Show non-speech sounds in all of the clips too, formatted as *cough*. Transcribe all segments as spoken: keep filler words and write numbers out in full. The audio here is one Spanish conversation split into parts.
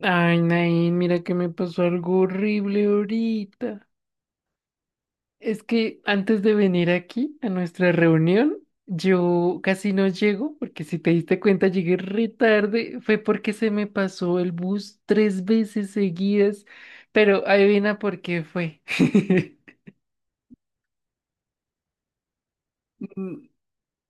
Ay, Nain, mira que me pasó algo horrible ahorita. Es que antes de venir aquí a nuestra reunión, yo casi no llego, porque si te diste cuenta llegué re tarde. Fue porque se me pasó el bus tres veces seguidas. Pero adivina por qué fue. *laughs*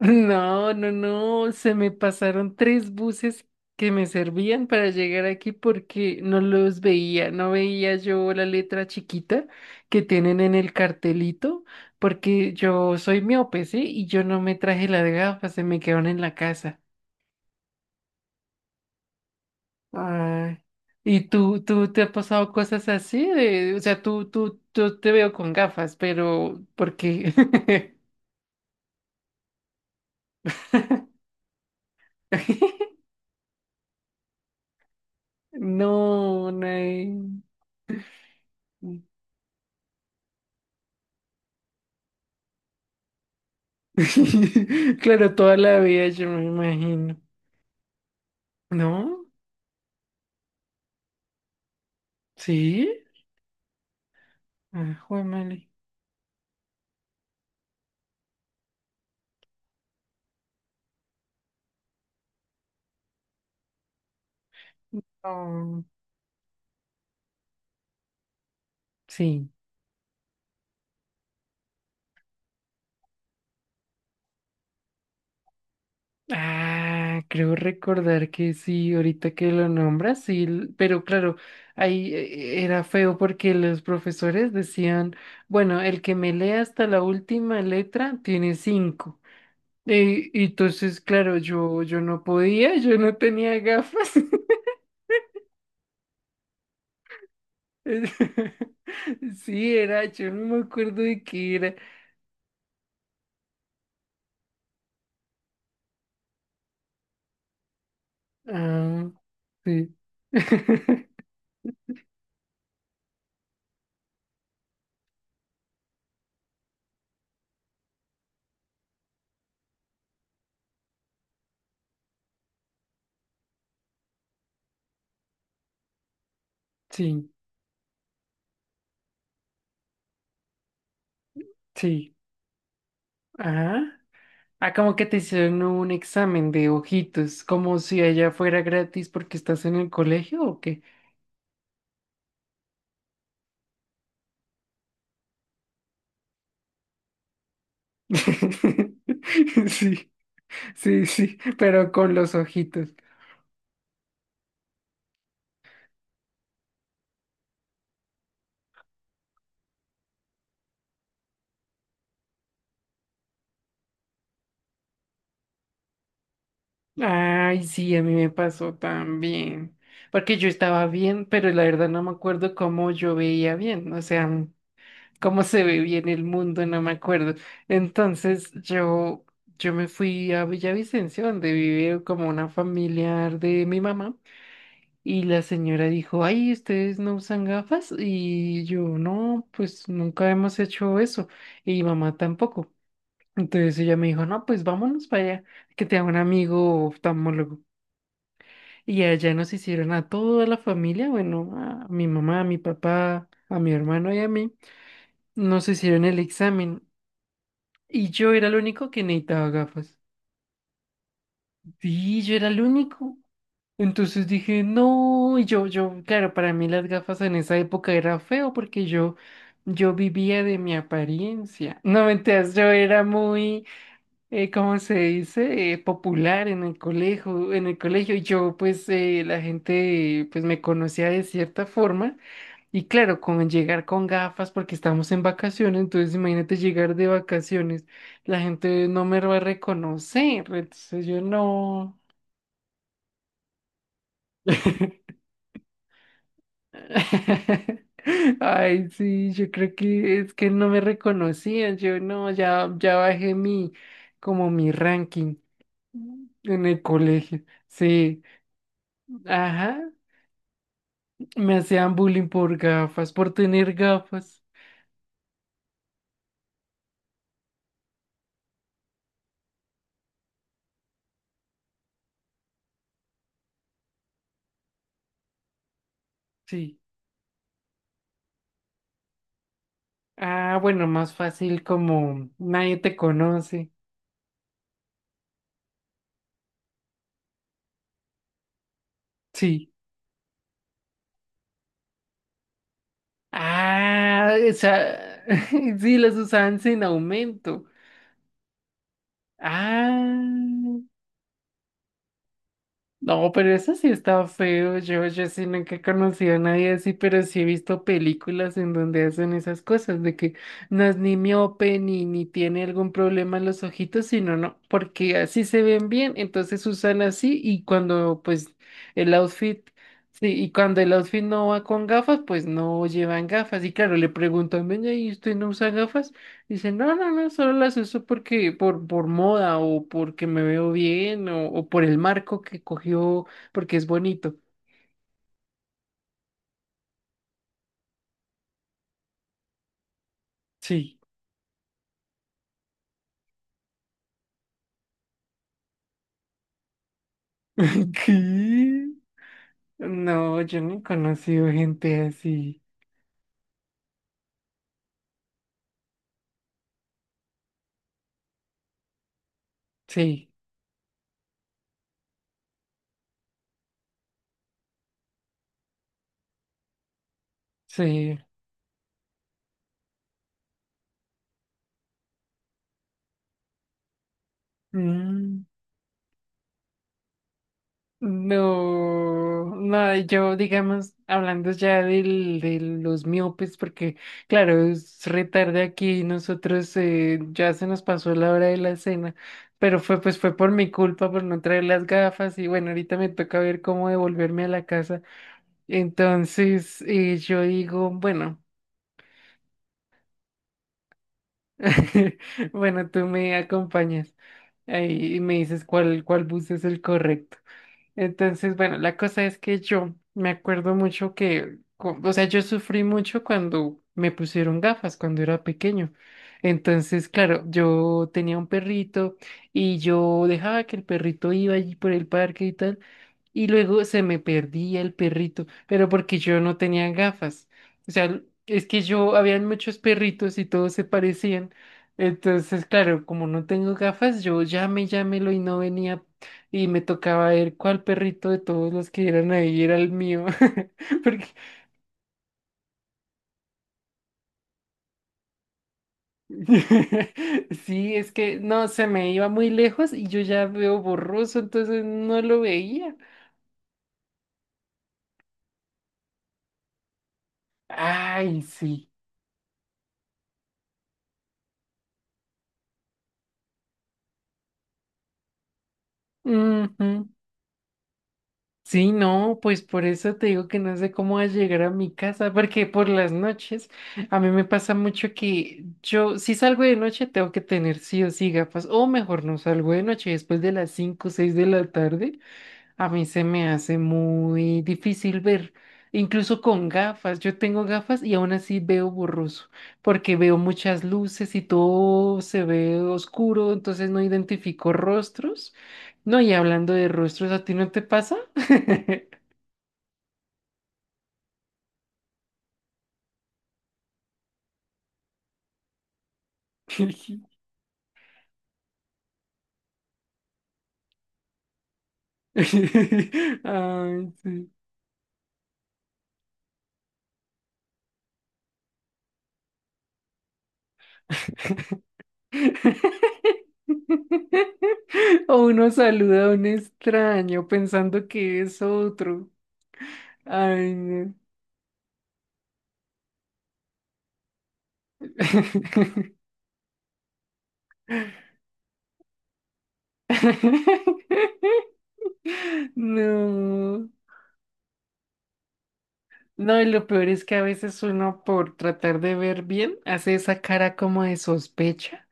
No, no, no, se me pasaron tres buses que me servían para llegar aquí porque no los veía, no veía yo la letra chiquita que tienen en el cartelito, porque yo soy miope, ¿sí? Y yo no me traje las gafas, se me quedaron en la casa. Ay. ¿Y tú, tú te ha pasado cosas así? De, o sea, tú, tú, yo te veo con gafas, pero ¿por qué? *laughs* No, no hay. *laughs* Claro, toda la vida yo me imagino. ¿No? ¿Sí? Ah, jue no. Sí. Ah, creo recordar que sí, ahorita que lo nombras, sí, l- pero claro, ahí eh, eh, era feo porque los profesores decían, bueno, el que me lea hasta la última letra tiene cinco. Y, y entonces, claro, yo, yo no podía, yo no tenía gafas. *laughs* *laughs* Sí, era, yo no me acuerdo de qué era. Ah, sí. *laughs* Sí, sí. Ajá. Ah, como que te hicieron un examen de ojitos, como si allá fuera gratis porque estás en el colegio o qué. *laughs* Sí, sí, sí, pero con los ojitos. Ay, sí, a mí me pasó también. Porque yo estaba bien, pero la verdad no me acuerdo cómo yo veía bien. O sea, cómo se ve bien el mundo, no me acuerdo. Entonces yo, yo me fui a Villavicencio, donde vive como una familiar de mi mamá, y la señora dijo, ay, ¿ustedes no usan gafas? Y yo, no, pues nunca hemos hecho eso, y mamá tampoco. Entonces ella me dijo, no, pues vámonos para allá, que te haga un amigo oftalmólogo. Y allá nos hicieron a toda la familia, bueno, a mi mamá, a mi papá, a mi hermano y a mí, nos hicieron el examen. Y yo era el único que necesitaba gafas. Sí, yo era el único. Entonces dije, no, y yo, yo, claro, para mí las gafas en esa época era feo porque yo, yo vivía de mi apariencia. *laughs* No, mentiras, yo era muy, eh, ¿cómo se dice? Eh, popular en el colegio, en el colegio. Y yo, pues, eh, la gente, pues, me conocía de cierta forma. Y claro, con llegar con gafas porque estamos en vacaciones, entonces imagínate llegar de vacaciones, la gente no me va a reconocer, entonces yo no. *laughs* Ay, sí, yo creo que es que no me reconocían, yo no, ya, ya bajé mi, como mi ranking en el colegio, sí, ajá, me hacían bullying por gafas, por tener gafas, sí. Ah, bueno, más fácil como nadie te conoce. Sí. Ah, o sea, *laughs* sí, las usaban sin aumento. Ah, no, pero eso sí está feo. Yo, yo sí nunca he conocido a nadie así, pero sí he visto películas en donde hacen esas cosas, de que no es ni miope ni, ni tiene algún problema en los ojitos, sino no, porque así se ven bien, entonces usan así y cuando pues el outfit, sí, y cuando el outfit no va con gafas, pues no llevan gafas. Y claro, le preguntan, venga, ¿y usted no usa gafas? Dicen, no, no, no, solo las uso porque por, por moda o porque me veo bien o, o por el marco que cogió porque es bonito. Sí. *laughs* ¿Qué? No, yo no he conocido gente así. Sí, sí. Mm. No, no, yo digamos, hablando ya del, de los miopes, porque claro, es re tarde aquí, nosotros eh, ya se nos pasó la hora de la cena, pero fue pues fue por mi culpa por no traer las gafas y bueno, ahorita me toca ver cómo devolverme a la casa. Entonces eh, yo digo, bueno, *laughs* bueno, tú me acompañas ahí y me dices cuál, cuál bus es el correcto. Entonces, bueno, la cosa es que yo me acuerdo mucho que, cu- o sea, yo sufrí mucho cuando me pusieron gafas, cuando era pequeño. Entonces, claro, yo tenía un perrito y yo dejaba que el perrito iba allí por el parque y tal y luego se me perdía el perrito, pero porque yo no tenía gafas. O sea, es que yo, habían muchos perritos y todos se parecían. Entonces, claro, como no tengo gafas, yo llame, llámelo y no venía. Y me tocaba ver cuál perrito de todos los que eran ahí era el mío. *laughs* Porque *laughs* sí, es que no, se me iba muy lejos y yo ya veo borroso, entonces no lo veía. Ay, sí. Ujú. Sí, no, pues por eso te digo que no sé cómo vas a llegar a mi casa, porque por las noches a mí me pasa mucho que yo, si salgo de noche, tengo que tener sí o sí gafas, o mejor no salgo de noche después de las cinco o seis de la tarde. A mí se me hace muy difícil ver, incluso con gafas. Yo tengo gafas y aún así veo borroso, porque veo muchas luces y todo se ve oscuro, entonces no identifico rostros. No, y hablando de rostros, ¿a ti no te pasa? *laughs* Ay, sí. *laughs* O uno saluda a un extraño pensando que es otro. Ay, no. *laughs* *laughs* No, no, y lo peor es que a veces uno por tratar de ver bien hace esa cara como de sospecha.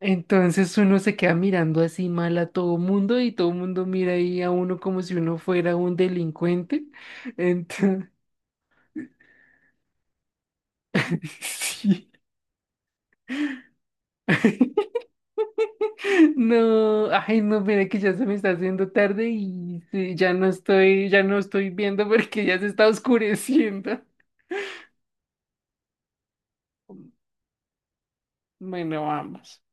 Entonces uno se queda mirando así mal a todo mundo y todo mundo mira ahí a uno como si uno fuera un delincuente. Entonces, *laughs* sí. No, ay, no, mira que ya se me está haciendo tarde y sí, ya no estoy, ya no estoy viendo porque ya se está oscureciendo. Bueno, vamos.